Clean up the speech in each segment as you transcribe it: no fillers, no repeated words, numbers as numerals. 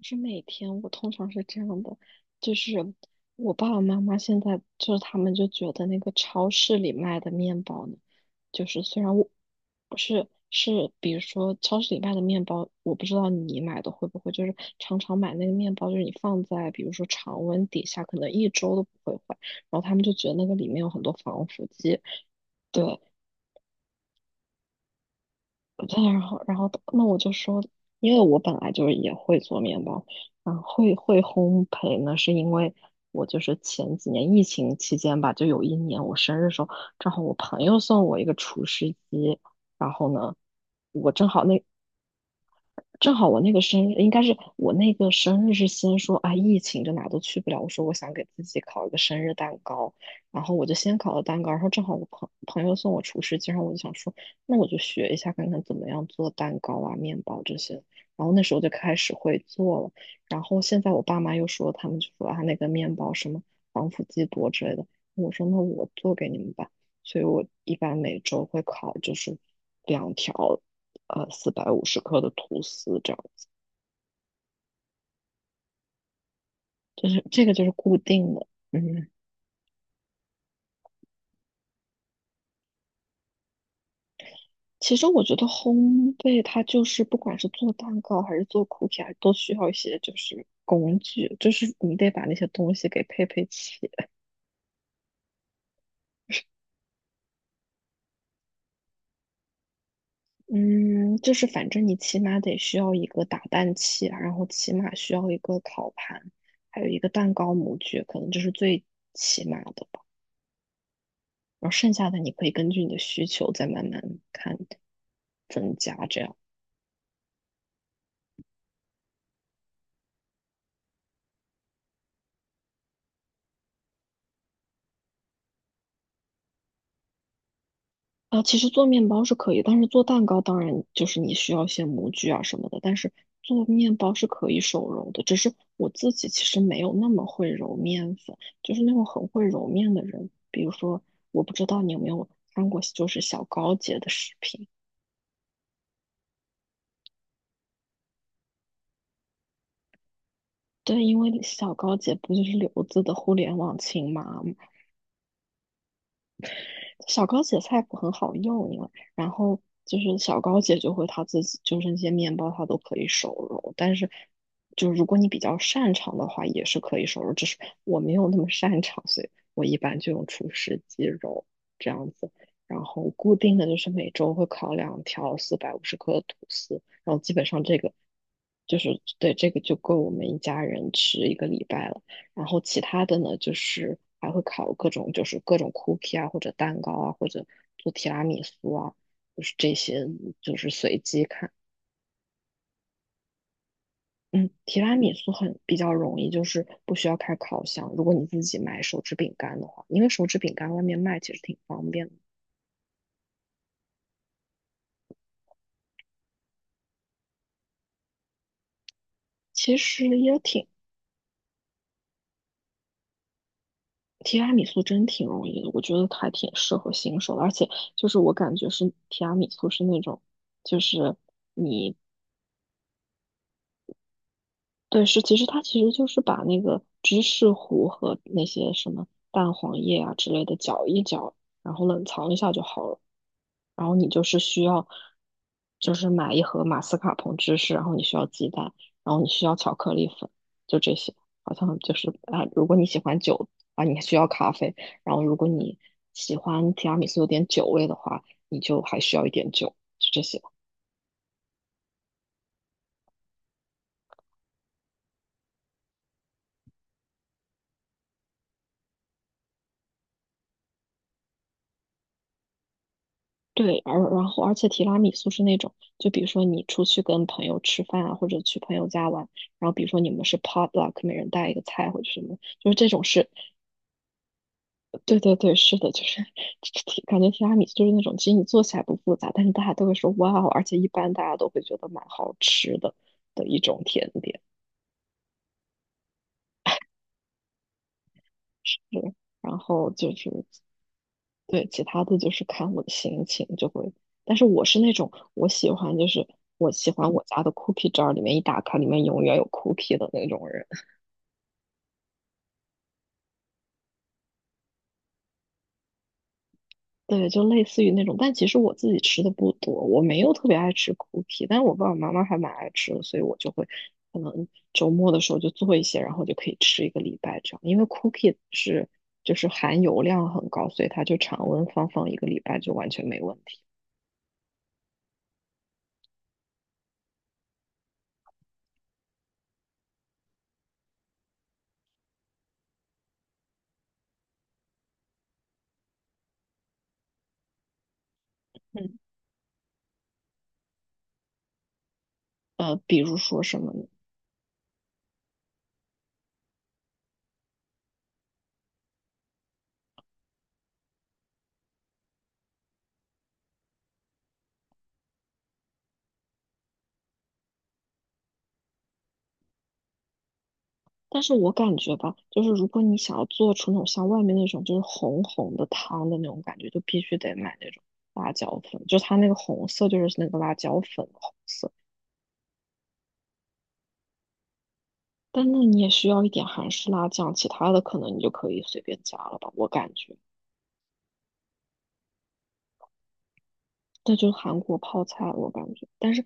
是每天，我通常是这样的，就是我爸爸妈妈现在就是他们就觉得那个超市里卖的面包呢，就是虽然我我是比如说超市里卖的面包。我不知道你买的会不会，就是常常买那个面包，就是你放在比如说常温底下，可能一周都不会坏，然后他们就觉得那个里面有很多防腐剂。对，对，然后那我就说，因为我本来就是也会做面包。嗯，会烘焙呢，是因为我就是前几年疫情期间吧，就有一年我生日的时候，正好我朋友送我一个厨师机。然后呢，我正好那正好我那个生日应该是我那个生日是先说啊，疫情就哪都去不了。我说我想给自己烤一个生日蛋糕。然后我就先烤了蛋糕，然后正好我朋友送我厨师机，然后我就想说，那我就学一下看看怎么样做蛋糕啊、面包这些。然后那时候就开始会做了。然后现在我爸妈又说，他们就说啊，那个面包什么防腐剂多之类的。我说那我做给你们吧。所以我一般每周会烤就是两条四百五十克的吐司这样子，就是这个就是固定的。嗯，其实我觉得烘焙它就是不管是做蛋糕还是做 cookie，还都需要一些就是工具，就是你得把那些东西给配齐。嗯，就是反正你起码得需要一个打蛋器啊，然后起码需要一个烤盘，还有一个蛋糕模具，可能这是最起码的。然后剩下的你可以根据你的需求再慢慢看增加这样。啊，其实做面包是可以，但是做蛋糕当然就是你需要一些模具啊什么的，但是做面包是可以手揉的。只是我自己其实没有那么会揉面粉，就是那种很会揉面的人，比如说我不知道你有没有看过，就是小高姐的视频。对，因为小高姐不就是留子的互联网亲妈。小高姐菜谱很好用，因为然后就是小高姐就会她自己就是那些面包她都可以手揉，但是就如果你比较擅长的话，也是可以手揉，只是我没有那么擅长，所以我一般就用厨师机揉这样子。然后固定的就是每周会烤两条四百五十克的吐司，然后基本上这个就是对这个就够我们一家人吃一个礼拜了。然后其他的呢，就是还会烤各种，就是各种 cookie 啊，或者蛋糕啊，或者做提拉米苏啊，就是这些，就是随机看。嗯，提拉米苏很比较容易，就是不需要开烤箱。如果你自己买手指饼干的话，因为手指饼干外面卖其实挺方便的。其实也挺提拉米苏真挺容易的，我觉得还挺适合新手的，而且就是我感觉是提拉米苏是那种，就是你对，是，其实它其实就是把那个芝士糊和那些什么蛋黄液啊之类的搅一搅，然后冷藏一下就好了。然后你就是需要，就是买一盒马斯卡彭芝士，然后你需要鸡蛋，然后你需要巧克力粉，就这些。好像就是啊，如果你喜欢酒啊，你需要咖啡，然后如果你喜欢提拉米苏有点酒味的话，你就还需要一点酒，就这些。对，而然后而且提拉米苏是那种，就比如说你出去跟朋友吃饭啊，或者去朋友家玩，然后比如说你们是 potluck，每人带一个菜或者什么，就是这种是，对对对，是的，就是 感觉提拉米苏就是那种，其实你做起来不复杂，但是大家都会说哇哦，而且一般大家都会觉得蛮好吃的的一种甜点。是。然后就是对，其他的就是看我的心情就会，但是我是那种我喜欢就是我喜欢我家的 cookie jar 里面一打开里面永远有 cookie 的那种人。对，就类似于那种，但其实我自己吃的不多，我没有特别爱吃 cookie，但是我爸爸妈妈还蛮爱吃的，所以我就会可能周末的时候就做一些，然后就可以吃一个礼拜这样，因为 cookie 是就是含油量很高，所以它就常温放一个礼拜就完全没问题。嗯，呃，比如说什么呢？但是我感觉吧，就是如果你想要做出那种像外面那种就是红红的汤的那种感觉，就必须得买那种辣椒粉，就它那个红色就是那个辣椒粉的红色。但那你也需要一点韩式辣酱，其他的可能你就可以随便加了吧，我感觉。那就是韩国泡菜，我感觉。但是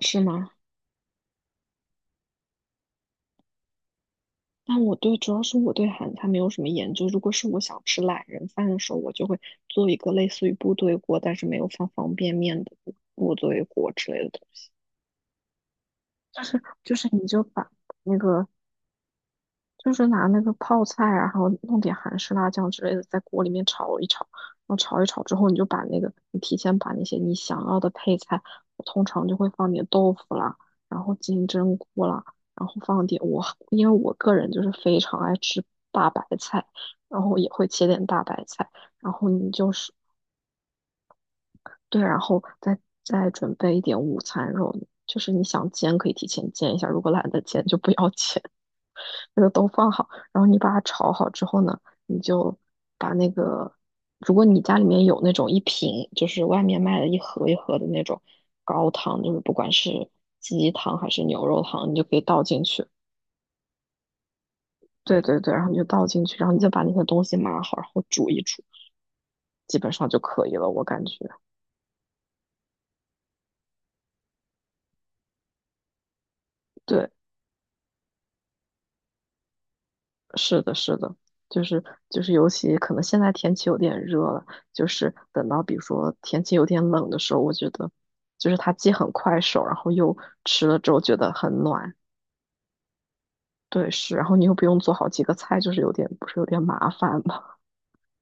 是吗？但我对，主要是我对韩餐没有什么研究。如果是我想吃懒人饭的时候，我就会做一个类似于部队锅，但是没有放方便面的部队锅之类的。就是你就把那个就是拿那个泡菜啊，然后弄点韩式辣酱之类的，在锅里面炒一炒，然后炒一炒之后，你就把那个你提前把那些你想要的配菜，我通常就会放点豆腐啦，然后金针菇啦，然后放点我因为我个人就是非常爱吃大白菜，然后也会切点大白菜，然后你就是对，然后再准备一点午餐肉，就是你想煎可以提前煎一下，如果懒得煎就不要 煎。这个都放好，然后你把它炒好之后呢，你就把那个，如果你家里面有那种一瓶，就是外面卖的一盒一盒的那种高汤，就是不管是鸡汤还是牛肉汤，你就可以倒进去。对对对，然后你就倒进去，然后你再把那些东西码好，然后煮一煮，基本上就可以了，我感觉。对。是的，是的，就是就是，尤其可能现在天气有点热了，就是等到比如说天气有点冷的时候，我觉得就是它既很快手，然后又吃了之后觉得很暖，对，是，然后你又不用做好几个菜，就是有点不是有点麻烦吗？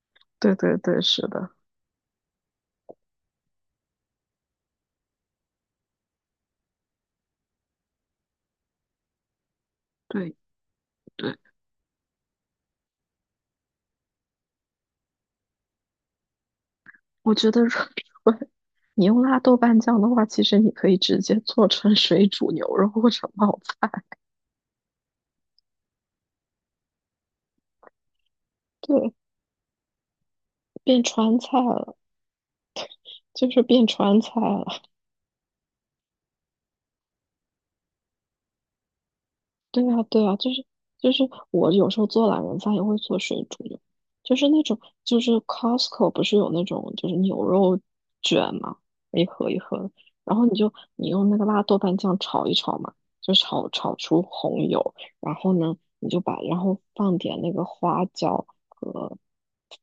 对对对，是的，对对，我觉得如果你用辣豆瓣酱的话，其实你可以直接做成水煮牛肉或者冒菜。对，变川菜了，就是变川菜了。对啊，对啊，就是我有时候做懒人饭也会做水煮牛，就是那种就是 Costco 不是有那种就是牛肉卷嘛，一盒一盒的，然后你就你用那个辣豆瓣酱炒一炒嘛，就炒出红油，然后呢你就把然后放点那个花椒和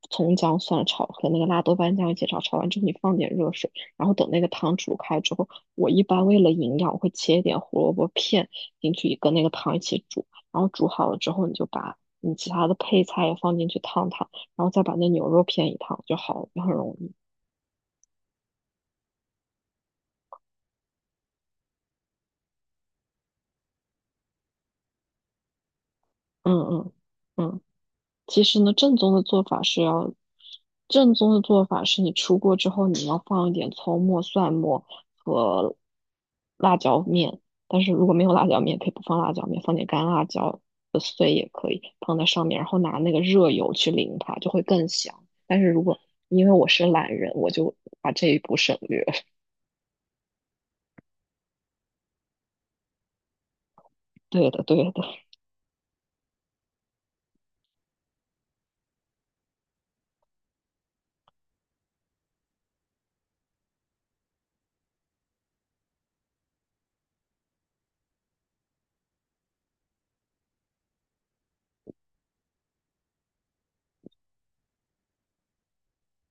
葱姜蒜炒和那个辣豆瓣酱一起炒，炒完之后你放点热水，然后等那个汤煮开之后，我一般为了营养，我会切一点胡萝卜片进去，跟那个汤一起煮，然后煮好了之后，你就把你其他的配菜也放进去烫烫，然后再把那牛肉片一烫就好了，就很容易。嗯嗯嗯。其实呢，正宗的做法是要，正宗的做法是你出锅之后，你要放一点葱末、蒜末和辣椒面。但是如果没有辣椒面，可以不放辣椒面，放点干辣椒的碎也可以放在上面，然后拿那个热油去淋它，就会更香。但是如果因为我是懒人，我就把这一步省略。对的，对的，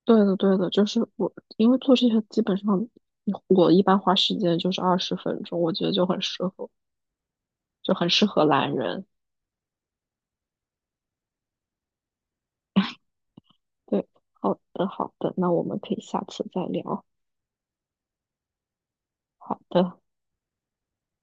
对的，对的，就是我，因为做这些基本上我一般花时间就是20分钟，我觉得就很适合。就很适合懒人。对，好的，好的，那我们可以下次再聊。好的。